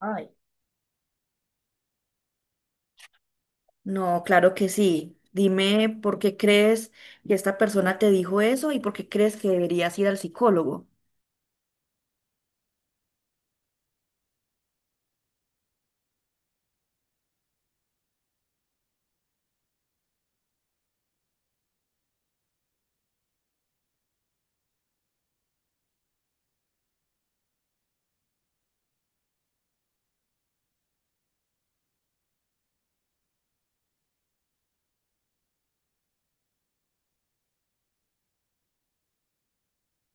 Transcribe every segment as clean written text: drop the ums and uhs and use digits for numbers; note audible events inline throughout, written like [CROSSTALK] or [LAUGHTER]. Ay. No, claro que sí. Dime por qué crees que esta persona te dijo eso y por qué crees que deberías ir al psicólogo.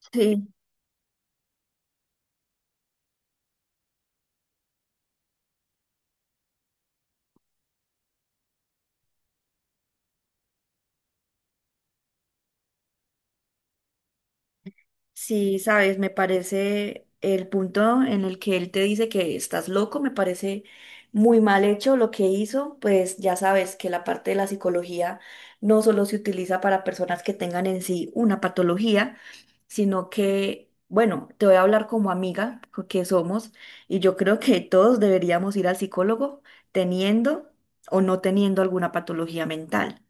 [LAUGHS] Sí. Sí, sabes, me parece el punto en el que él te dice que estás loco, me parece muy mal hecho lo que hizo, pues ya sabes que la parte de la psicología no solo se utiliza para personas que tengan en sí una patología, sino que, bueno, te voy a hablar como amiga que somos y yo creo que todos deberíamos ir al psicólogo teniendo o no teniendo alguna patología mental.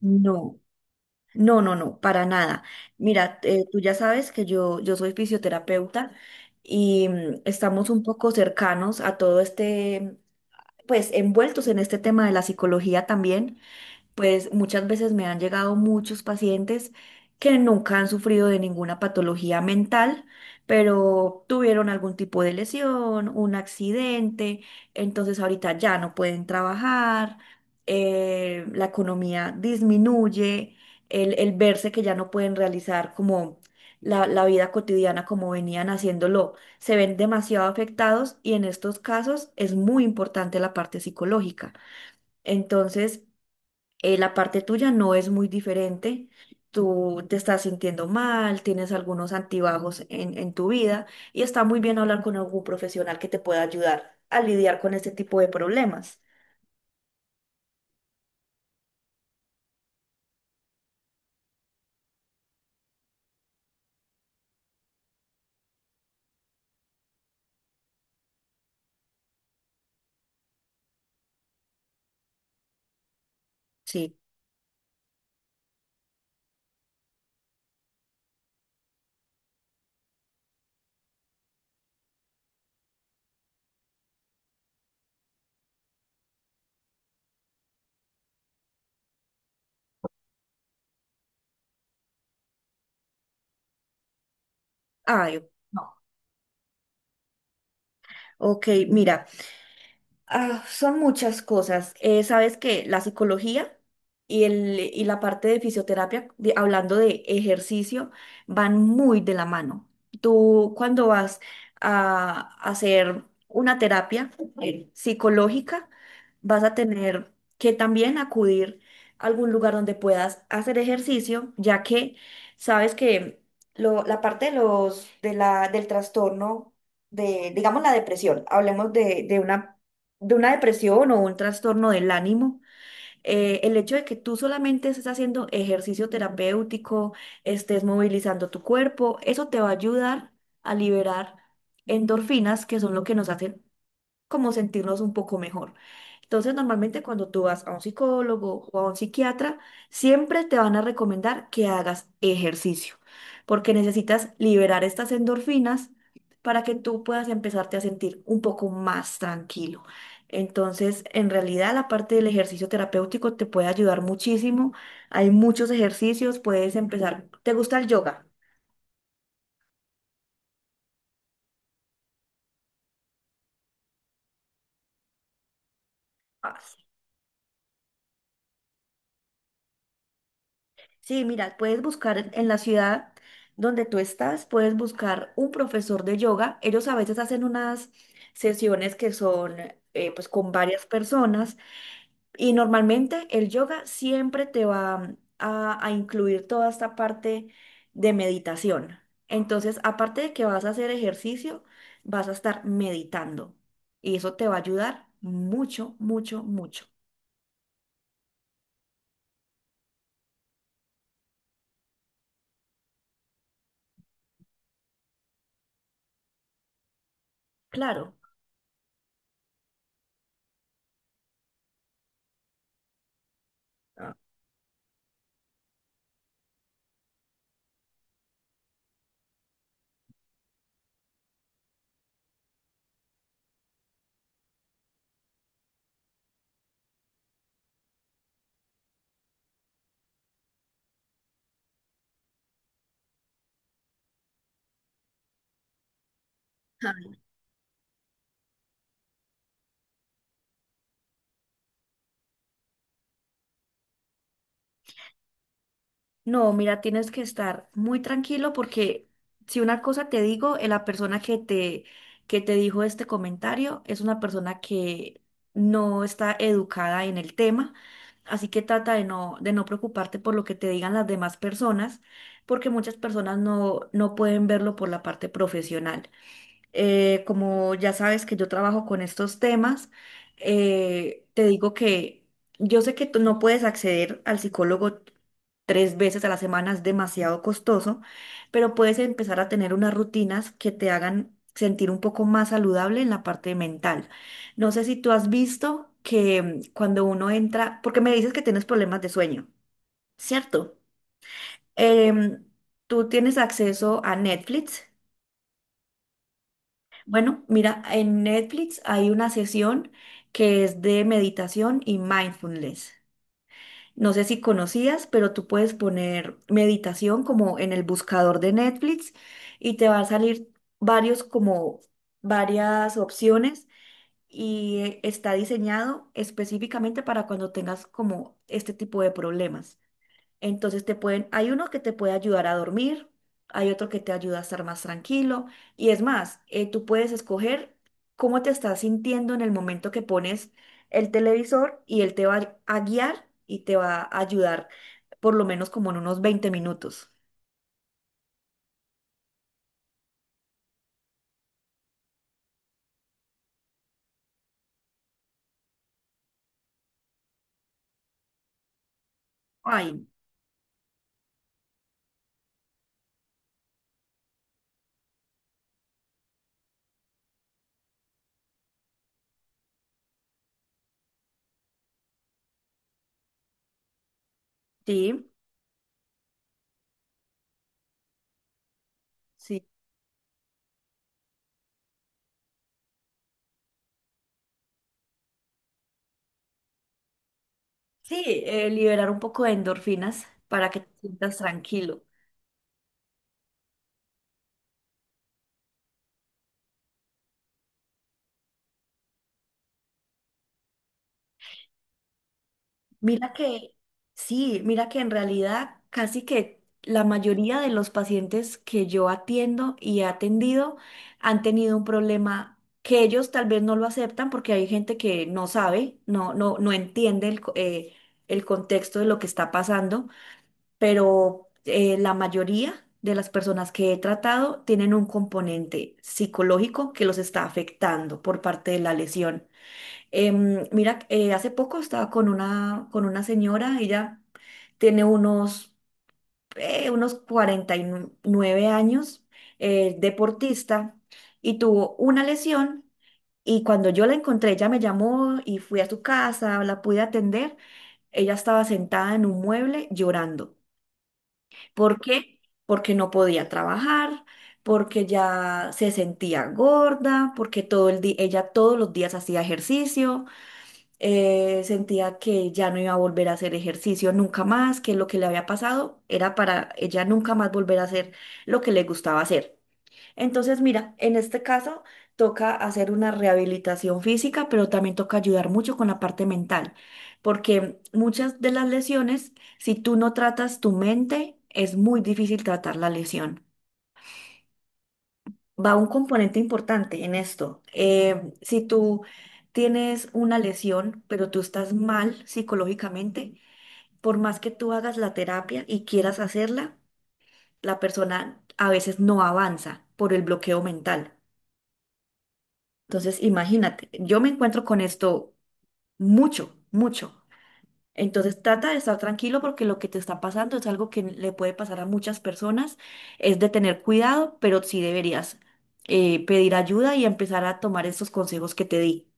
No. No, no, no, para nada. Mira, tú ya sabes que yo soy fisioterapeuta y estamos un poco cercanos a todo este, pues envueltos en este tema de la psicología también. Pues muchas veces me han llegado muchos pacientes que nunca han sufrido de ninguna patología mental, pero tuvieron algún tipo de lesión, un accidente, entonces ahorita ya no pueden trabajar, la economía disminuye, el verse que ya no pueden realizar como la vida cotidiana como venían haciéndolo, se ven demasiado afectados y en estos casos es muy importante la parte psicológica. Entonces, la parte tuya no es muy diferente. Tú te estás sintiendo mal, tienes algunos antibajos en tu vida y está muy bien hablar con algún profesional que te pueda ayudar a lidiar con este tipo de problemas. Sí. Ay, ok, mira. Ah, son muchas cosas. Sabes que la psicología y la parte de fisioterapia, hablando de ejercicio, van muy de la mano. Tú cuando vas a hacer una terapia psicológica, vas a tener que también acudir a algún lugar donde puedas hacer ejercicio, ya que sabes que la parte de los, del trastorno de, digamos, la depresión, hablemos de una depresión o un trastorno del ánimo, el hecho de que tú solamente estés haciendo ejercicio terapéutico, estés movilizando tu cuerpo, eso te va a ayudar a liberar endorfinas, que son lo que nos hacen como sentirnos un poco mejor. Entonces, normalmente cuando tú vas a un psicólogo o a un psiquiatra, siempre te van a recomendar que hagas ejercicio, porque necesitas liberar estas endorfinas para que tú puedas empezarte a sentir un poco más tranquilo. Entonces, en realidad, la parte del ejercicio terapéutico te puede ayudar muchísimo. Hay muchos ejercicios, puedes empezar. ¿Te gusta el yoga? Sí, mira, puedes buscar en la ciudad donde tú estás, puedes buscar un profesor de yoga. Ellos a veces hacen unas sesiones que son pues con varias personas y normalmente el yoga siempre te va a incluir toda esta parte de meditación. Entonces, aparte de que vas a hacer ejercicio, vas a estar meditando y eso te va a ayudar mucho, mucho, mucho. Claro. Ah. No, mira, tienes que estar muy tranquilo porque si una cosa te digo, la persona que te dijo este comentario es una persona que no está educada en el tema, así que trata de no preocuparte por lo que te digan las demás personas, porque muchas personas no, no pueden verlo por la parte profesional. Como ya sabes que yo trabajo con estos temas, te digo que yo sé que tú no puedes acceder al psicólogo 3 veces a la semana, es demasiado costoso, pero puedes empezar a tener unas rutinas que te hagan sentir un poco más saludable en la parte mental. No sé si tú has visto que cuando uno entra, porque me dices que tienes problemas de sueño, ¿cierto? Em, tú tienes acceso a Netflix. Bueno, mira, en Netflix hay una sesión que es de meditación y mindfulness. No sé si conocías, pero tú puedes poner meditación como en el buscador de Netflix y te va a salir varios como varias opciones y está diseñado específicamente para cuando tengas como este tipo de problemas. Entonces te pueden, hay uno que te puede ayudar a dormir, hay otro que te ayuda a estar más tranquilo y es más, tú puedes escoger cómo te estás sintiendo en el momento que pones el televisor y él te va a guiar y te va a ayudar por lo menos como en unos 20 minutos. Ay, sí, sí, sí, liberar un poco de endorfinas para que te sientas tranquilo. Mira que, sí, mira que en realidad casi que la mayoría de los pacientes que yo atiendo y he atendido han tenido un problema que ellos tal vez no lo aceptan porque hay gente que no sabe, no entiende el, el contexto de lo que está pasando, pero la mayoría de las personas que he tratado tienen un componente psicológico que los está afectando por parte de la lesión. Mira, hace poco estaba con una señora, ella tiene unos, unos 49 años, deportista, y tuvo una lesión. Y cuando yo la encontré, ella me llamó y fui a su casa, la pude atender. Ella estaba sentada en un mueble llorando. ¿Por qué? Porque no podía trabajar, porque ya se sentía gorda, porque todo el día, ella todos los días hacía ejercicio sentía que ya no iba a volver a hacer ejercicio nunca más, que lo que le había pasado era para ella nunca más volver a hacer lo que le gustaba hacer. Entonces, mira, en este caso toca hacer una rehabilitación física, pero también toca ayudar mucho con la parte mental, porque muchas de las lesiones, si tú no tratas tu mente, es muy difícil tratar la lesión va un componente importante en esto. Si tú tienes una lesión, pero tú estás mal psicológicamente, por más que tú hagas la terapia y quieras hacerla, la persona a veces no avanza por el bloqueo mental. Entonces, imagínate, yo me encuentro con esto mucho, mucho. Entonces trata de estar tranquilo porque lo que te está pasando es algo que le puede pasar a muchas personas. Es de tener cuidado, pero sí deberías pedir ayuda y empezar a tomar estos consejos que te di.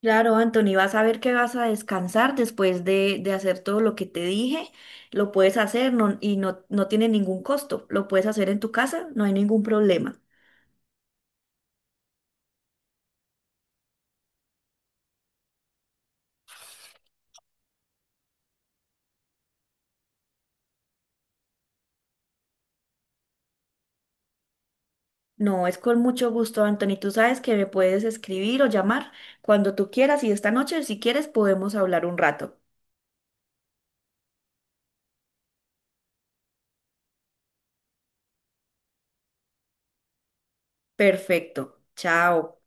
Claro, Anthony, vas a ver que vas a descansar después de hacer todo lo que te dije. Lo puedes hacer no tiene ningún costo. Lo puedes hacer en tu casa, no hay ningún problema. No, es con mucho gusto, Anthony. Tú sabes que me puedes escribir o llamar cuando tú quieras y esta noche, si quieres, podemos hablar un rato. Perfecto. Chao.